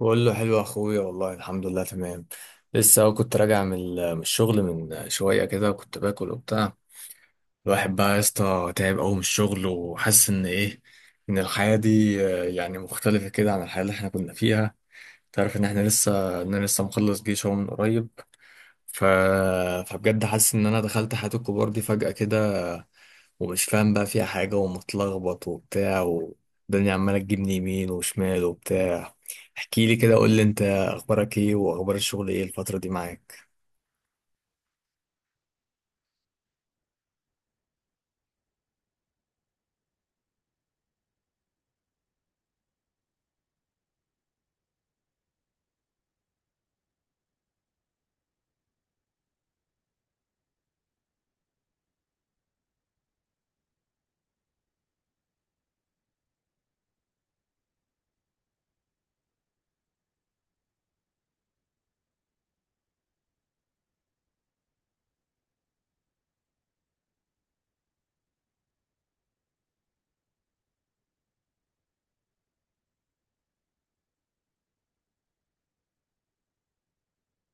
بقول له حلو يا اخويا، والله الحمد لله تمام. لسه أهو كنت راجع من الشغل من شويه كده، كنت باكل وبتاع. الواحد بقى يا اسطى تعب قوي من الشغل، وحاسس ان ايه، ان الحياه دي، يعني مختلفه كده عن الحياه اللي احنا كنا فيها. تعرف ان انا لسه مخلص جيش اهو من قريب. ف... فبجد حاسس ان انا دخلت حياه الكبار دي فجاه كده، ومش فاهم بقى فيها حاجة، ومتلخبط وبتاع، والدنيا عمالة تجيبني يمين وشمال وبتاع. احكي لي كده، قول لي انت اخبارك ايه، واخبار الشغل ايه الفترة دي معاك؟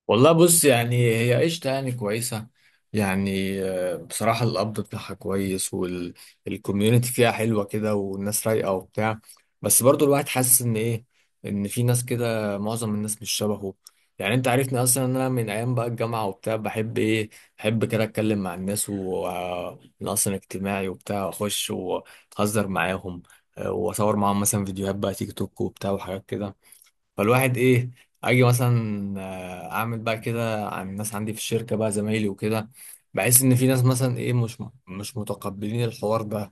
والله بص، يعني هي قشطة، يعني كويسة. يعني بصراحة القبض بتاعها كويس، والكوميونتي فيها حلوة كده، والناس رايقة وبتاع. بس برضو الواحد حاسس إن إيه، إن في ناس كده معظم الناس مش شبهه. يعني أنت عارفني أصلا، إن أنا من أيام بقى الجامعة وبتاع بحب كده أتكلم مع الناس، وأنا أصلا اجتماعي وبتاع، وأخش وأهزر معاهم، وأصور معاهم مثلا فيديوهات بقى تيك توك وبتاع وحاجات كده. فالواحد ايه، اجي مثلا اعمل بقى كده عن الناس عندي في الشركه بقى زمايلي وكده. بحس ان في ناس مثلا ايه، مش متقبلين الحوار ده.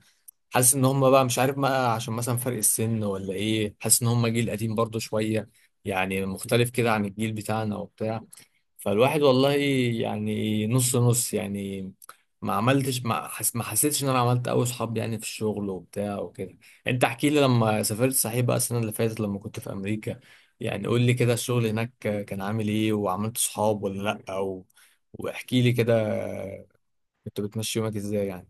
حاسس ان هم بقى مش عارف بقى، عشان مثلا فرق السن ولا ايه، حاسس ان هم جيل قديم برضو شويه، يعني مختلف كده عن الجيل بتاعنا وبتاع. فالواحد والله يعني نص نص، يعني ما حسيتش ان انا عملت قوي صحاب يعني في الشغل وبتاع وكده. انت احكي لي، لما سافرت صحيح بقى السنة اللي فاتت لما كنت في امريكا، يعني قول لي كده الشغل هناك كان عامل ايه، وعملت صحاب ولا لا؟ او واحكي لي كده كنت بتمشي يومك ازاي يعني.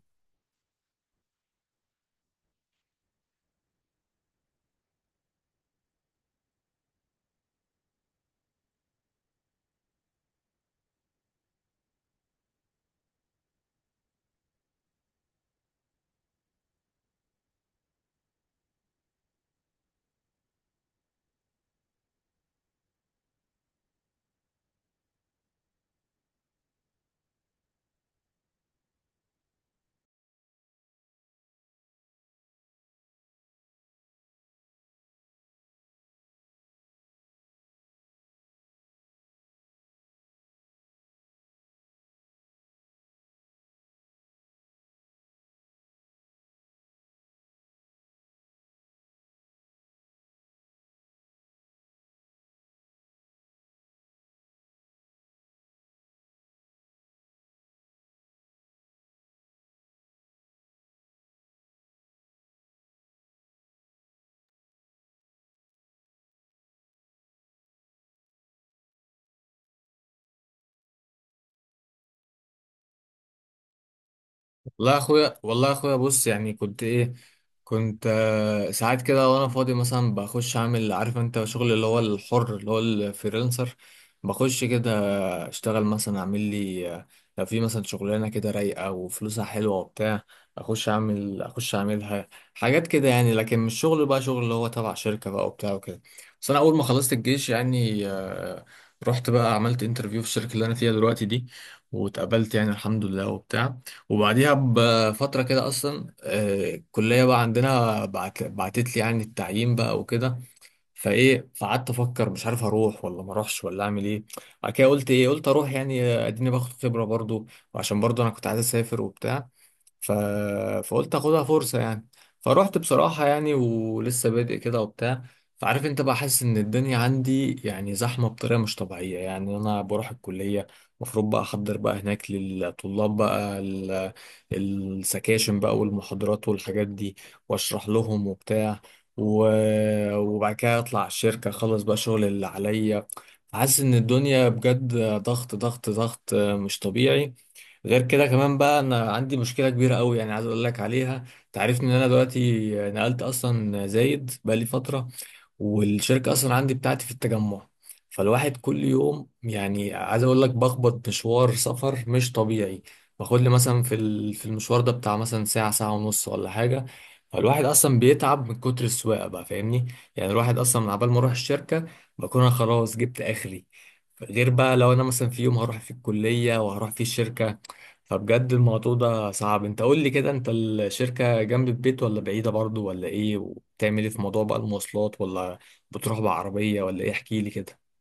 والله يا اخويا بص، يعني كنت ايه، كنت ساعات كده وانا فاضي مثلا بخش اعمل، عارف انت شغل اللي هو الحر، اللي هو الفريلانسر. بخش كده، اشتغل مثلا اعمل لي، لو في مثلا شغلانه كده رايقه وفلوسها حلوه وبتاع، اخش اعملها، حاجات كده يعني. لكن مش شغل بقى شغل اللي هو تبع شركه بقى وبتاع وكده. بس انا اول ما خلصت الجيش يعني، رحت بقى عملت انترفيو في الشركه اللي انا فيها دلوقتي دي، واتقبلت يعني الحمد لله وبتاع. وبعديها بفتره كده اصلا، الكليه بقى عندنا بعتت لي يعني التعيين بقى وكده. فايه، فقعدت افكر مش عارف اروح ولا ما اروحش ولا اعمل ايه. بعد كده قلت اروح يعني، اديني باخد خبره برضو، وعشان برضو انا كنت عايز اسافر وبتاع. ف... فقلت اخدها فرصة يعني. فروحت بصراحة يعني، ولسه بادئ كده وبتاع. فعارف انت بقى، حاسس ان الدنيا عندي يعني زحمة بطريقة مش طبيعية. يعني انا بروح الكلية، المفروض بقى احضر بقى هناك للطلاب بقى السكاشن بقى والمحاضرات والحاجات دي، واشرح لهم وبتاع. و... وبعد كده اطلع على الشركة اخلص بقى شغل اللي عليا. حاسس ان الدنيا بجد ضغط ضغط ضغط مش طبيعي. غير كده كمان بقى، انا عندي مشكله كبيره قوي يعني، عايز اقول لك عليها. تعرفني ان انا دلوقتي نقلت اصلا زايد بقى لي فتره، والشركة أصلا عندي بتاعتي في التجمع. فالواحد كل يوم يعني عايز أقول لك بخبط مشوار سفر مش طبيعي. باخد لي مثلا في المشوار ده بتاع مثلا ساعة ساعة ونص ولا حاجة. فالواحد أصلا بيتعب من كتر السواقة بقى، فاهمني يعني. الواحد أصلا من عبال ما أروح الشركة بكون أنا خلاص جبت آخري. غير بقى لو أنا مثلا في يوم هروح فيه الكلية وهروح فيه الشركة، فبجد الموضوع ده صعب. انت قول لي كده، انت الشركة جنب البيت ولا بعيدة برضو ولا ايه؟ وبتعمل ايه في موضوع بقى المواصلات، ولا بتروح بعربية ولا ايه؟ احكي لي كده.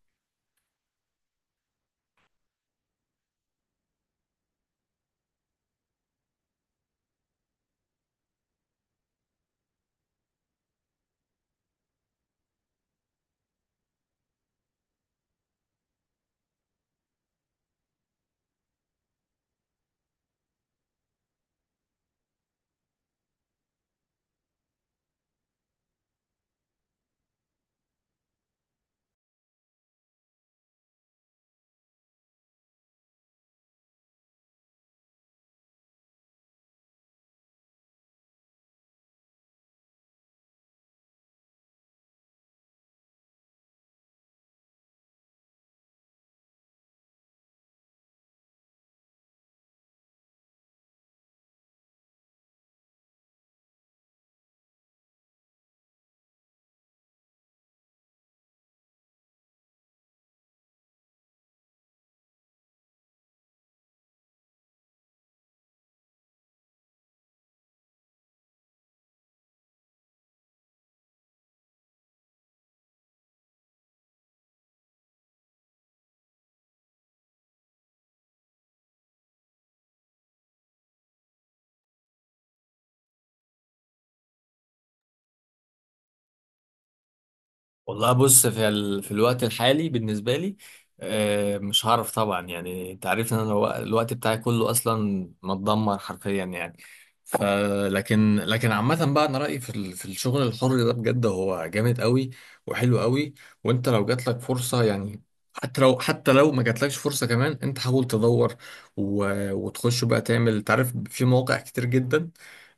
والله بص، في الوقت الحالي بالنسبة لي، مش هعرف طبعا، يعني انت عارف ان انا الوقت بتاعي كله اصلا متدمر حرفيا يعني. ف لكن عامة بقى، انا رأيي في الشغل الحر ده بجد هو جامد قوي وحلو قوي. وانت لو جات لك فرصة يعني، حتى لو ما جاتلكش فرصة كمان، انت حاول تدور. و... وتخش بقى تعمل، تعرف في مواقع كتير جدا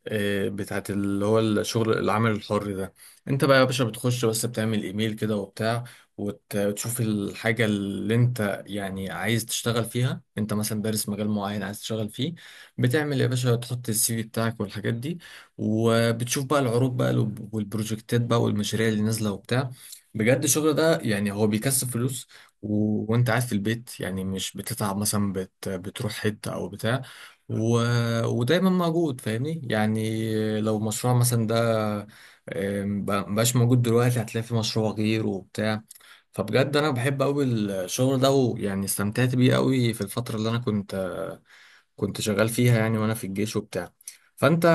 بتاعت اللي هو الشغل العمل الحر ده. انت بقى يا باشا بتخش بس بتعمل ايميل كده وبتاع، وتشوف الحاجة اللي انت يعني عايز تشتغل فيها. انت مثلا دارس مجال معين عايز تشتغل فيه، بتعمل يا باشا تحط السي في بتاعك والحاجات دي، وبتشوف بقى العروض بقى والبروجكتات بقى والمشاريع اللي نازلة وبتاع. بجد الشغل ده يعني هو بيكسب فلوس. و... وانت قاعد في البيت يعني، مش بتتعب مثلا بتروح حتة او بتاع. و... ودايما موجود، فاهمني يعني، لو مشروع مثلا ده مبقاش موجود دلوقتي، هتلاقي في مشروع غيره وبتاع. فبجد انا بحب قوي الشغل ده، ويعني استمتعت بيه قوي في الفترة اللي انا كنت شغال فيها يعني وانا في الجيش وبتاع. فانت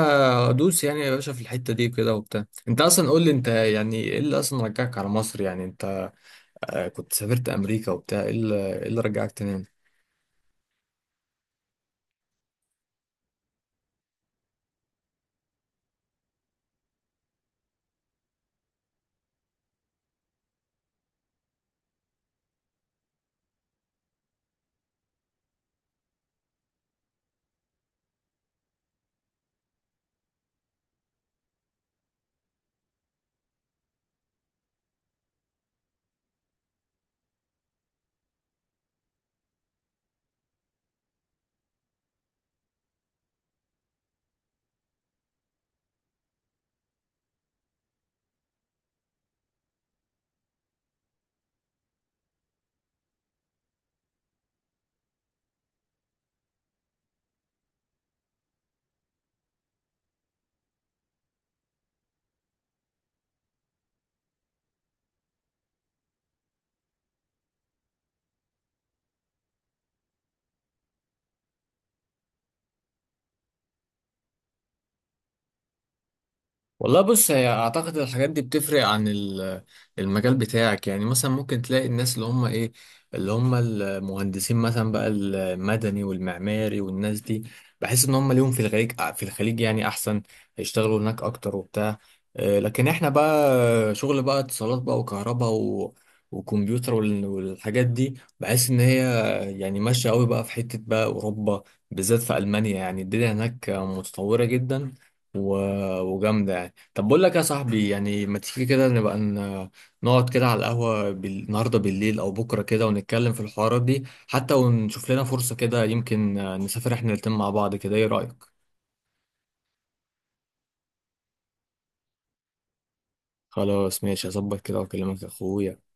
دوس يعني يا باشا في الحتة دي كده وبتاع. انت اصلا قول لي، انت يعني ايه اللي اصلا رجعك على مصر؟ يعني انت كنت سافرت امريكا وبتاع، ايه اللي إيه اللي رجعك تاني؟ والله بص، هي اعتقد الحاجات دي بتفرق عن المجال بتاعك. يعني مثلا ممكن تلاقي الناس اللي هم ايه، اللي هم المهندسين مثلا بقى المدني والمعماري والناس دي، بحس ان هم ليهم في الخليج يعني احسن، يشتغلوا هناك اكتر وبتاع. لكن احنا بقى شغل بقى اتصالات بقى وكهرباء، و وكمبيوتر والحاجات دي، بحس ان هي يعني ماشيه قوي بقى في حته بقى اوروبا، بالذات في المانيا. يعني الدنيا هناك متطوره جدا وجامده. طب بقول لك يا صاحبي يعني، ما تيجي كده نقعد كده على القهوة النهاردة بالليل أو بكرة كده، ونتكلم في الحوارات دي حتى، ونشوف لنا فرصة كده، يمكن نسافر احنا الاتنين مع بعض كده، ايه رأيك؟ خلاص ماشي، هظبط كده وأكلمك يا أخويا.